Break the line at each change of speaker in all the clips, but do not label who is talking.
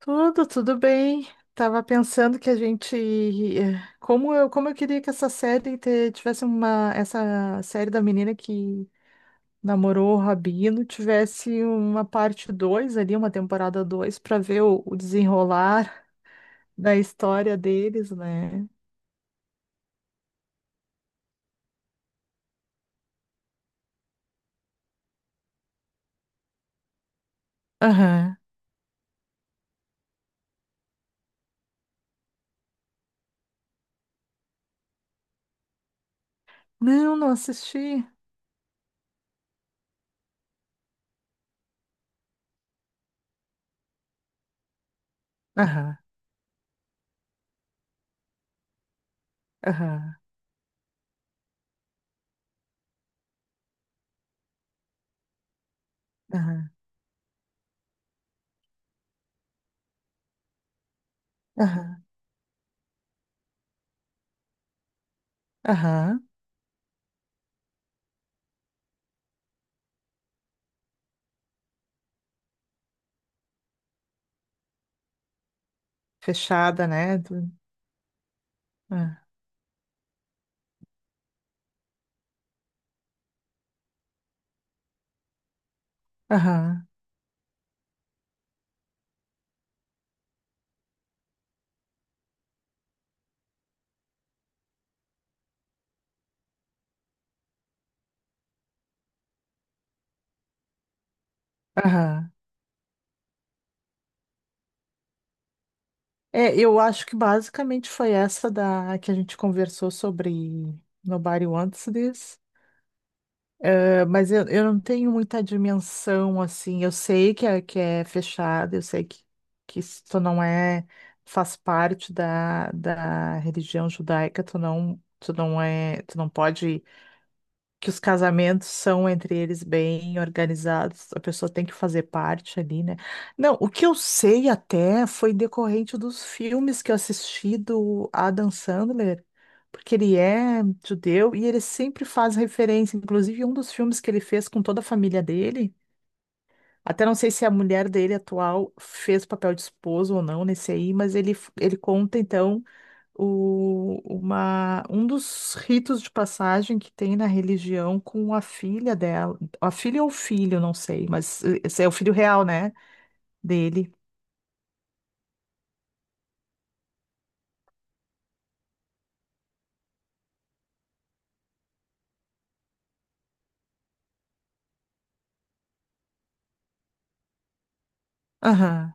Tudo bem. Tava pensando que a gente, como eu queria que tivesse uma, essa série da menina que namorou o Rabino tivesse uma parte 2 ali, uma temporada 2 para ver o desenrolar da história deles, né? Aham. Não, não assisti. Aham. Aham. Aham. Aham. Aham. Fechada, né? Ah, Aham. Aham. É, eu acho que basicamente foi essa da que a gente conversou sobre Nobody Wants This. É, mas eu não tenho muita dimensão assim. Eu sei que é fechado, eu sei que isso tu não é, faz parte da religião judaica, tu não pode, que os casamentos são entre eles bem organizados, a pessoa tem que fazer parte ali, né? Não, o que eu sei até foi decorrente dos filmes que eu assisti do Adam Sandler, porque ele é judeu e ele sempre faz referência, inclusive um dos filmes que ele fez com toda a família dele. Até não sei se a mulher dele atual fez o papel de esposo ou não nesse aí, mas ele conta então o, uma, um dos ritos de passagem que tem na religião com a filha dela, a filha ou o filho, não sei, mas esse é o filho real, né? Dele. Aham,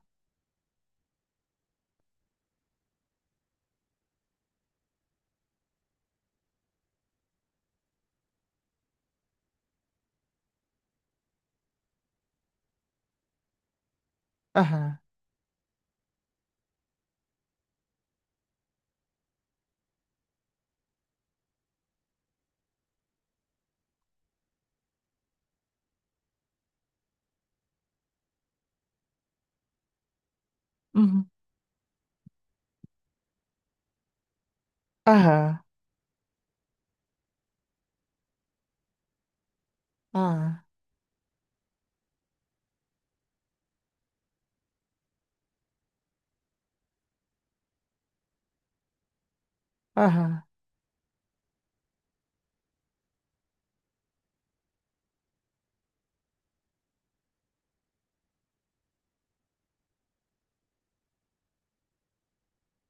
aham, uhum, aham, aham, aham,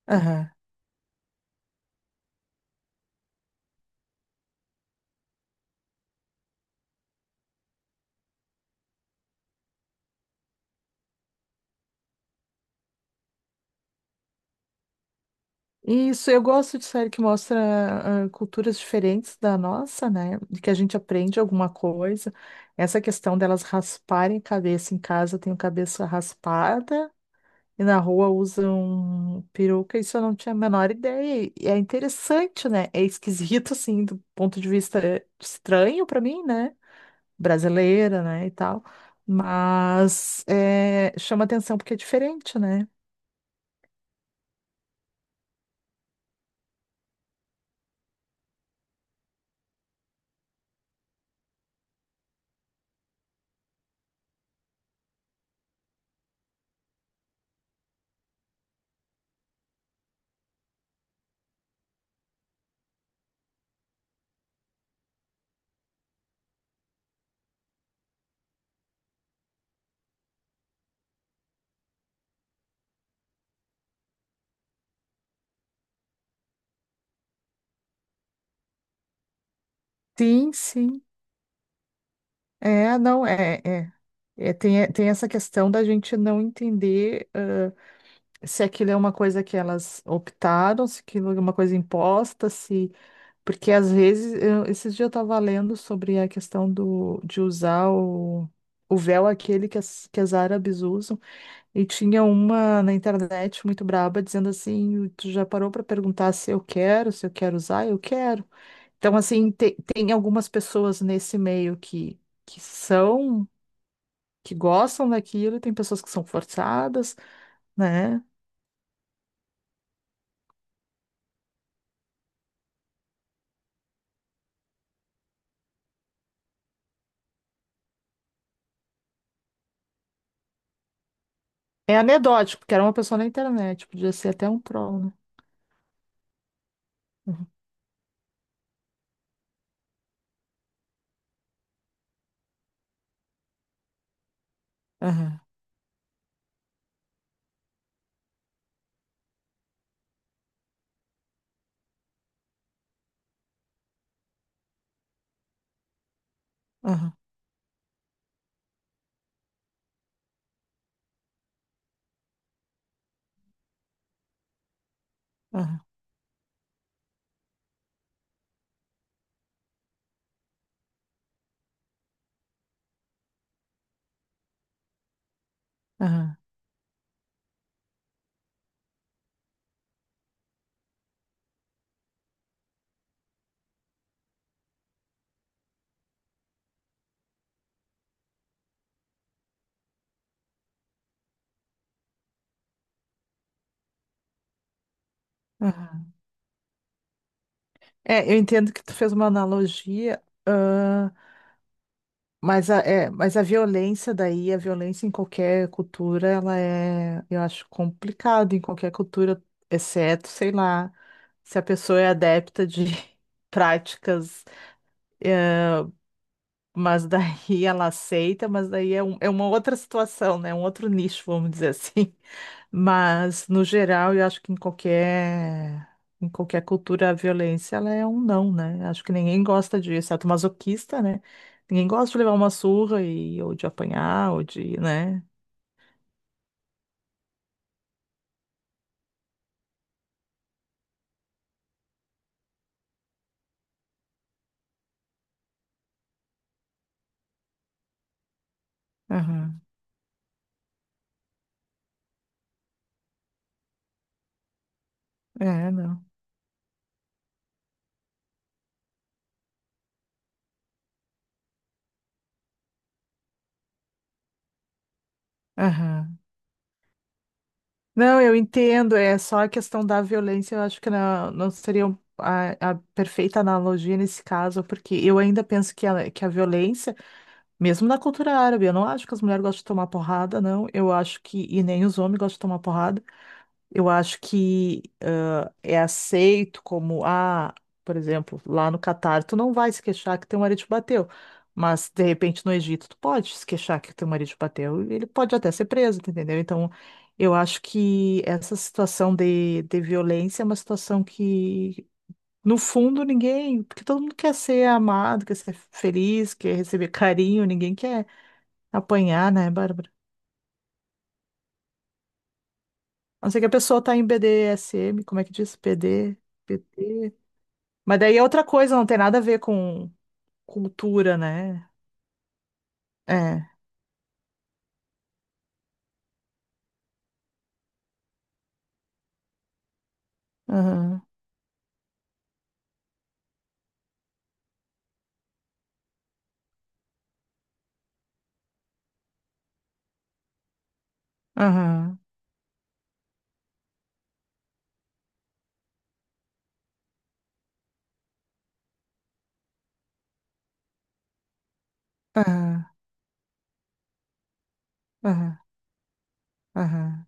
aham. Isso, eu gosto de série que mostra ah, culturas diferentes da nossa, né? De que a gente aprende alguma coisa. Essa questão delas rasparem a cabeça em casa, eu tenho cabeça raspada. E na rua usam peruca, isso eu não tinha a menor ideia. E é interessante, né? É esquisito, assim, do ponto de vista estranho pra mim, né? Brasileira, né? E tal. Mas é, chama atenção porque é diferente, né? Sim, sim. É, não, é, é. É, tem essa questão da gente não entender se aquilo é uma coisa que elas optaram, se aquilo é uma coisa imposta, se. Porque às vezes, esses dias eu estava lendo sobre a questão do, de usar o véu aquele que as árabes usam, e tinha uma na internet muito braba dizendo assim: tu já parou para perguntar se eu quero, se eu quero usar? Eu quero. Então, assim, tem algumas pessoas nesse meio que são, que gostam daquilo, e tem pessoas que são forçadas, né? É anedótico, porque era uma pessoa na internet, podia ser até um troll, né? Uhum, aham, aham, aham, aham, aham. É, eu entendo que tu fez uma analogia, ah, mas a, é, mas a violência daí, a violência em qualquer cultura, ela é, eu acho, complicado em qualquer cultura, exceto, sei lá, se a pessoa é adepta de práticas. Mas daí ela aceita, mas daí é, é uma outra situação, né? Um outro nicho, vamos dizer assim. Mas, no geral, eu acho que em qualquer cultura, a violência, ela é um não, né? Acho que ninguém gosta de, exceto masoquista, né? Ninguém gosta de levar uma surra e, ou de apanhar, ou de, né? Aham. É, não. Aham. Não, eu entendo, é só a questão da violência, eu acho que não, não seria a perfeita analogia nesse caso, porque eu ainda penso que a violência mesmo na cultura árabe, eu não acho que as mulheres gostam de tomar porrada, não. Eu acho que, e nem os homens gostam de tomar porrada. Eu acho que ah, é aceito como, ah, por exemplo, lá no Catar, tu não vai se queixar que teu marido te bateu. Mas, de repente, no Egito, tu pode se queixar que teu marido te bateu. E ele pode até ser preso, tu entendeu? Então, eu acho que essa situação de violência é uma situação que no fundo, ninguém, porque todo mundo quer ser amado, quer ser feliz, quer receber carinho, ninguém quer apanhar, né, Bárbara? A não ser que a pessoa tá em BDSM, como é que diz? PD, PT. Mas daí é outra coisa, não tem nada a ver com cultura, né? É. Aham, aham, aham, aham, aham,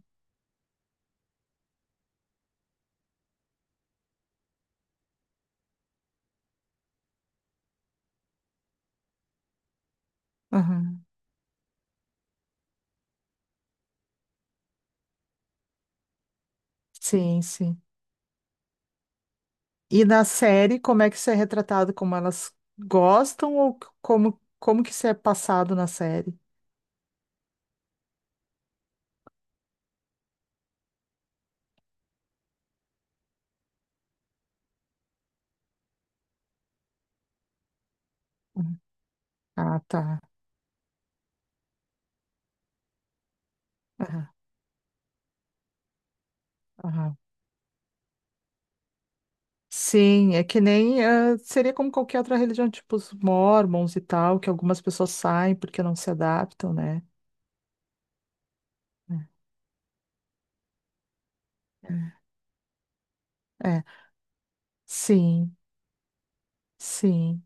aham. Sim, sim. E na série, como é que isso é retratado? Como elas gostam ou como, como que isso é passado na série? Uhum. Ah, tá. Aham, aham. Sim, é que nem ah, seria como qualquer outra religião, tipo os mormons e tal, que algumas pessoas saem porque não se adaptam, né? É, é, sim, sim.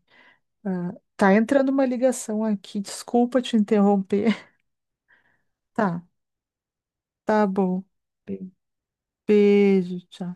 Ah, tá entrando uma ligação aqui, desculpa te interromper. Tá, tá bom. Be- Beijo, tchau.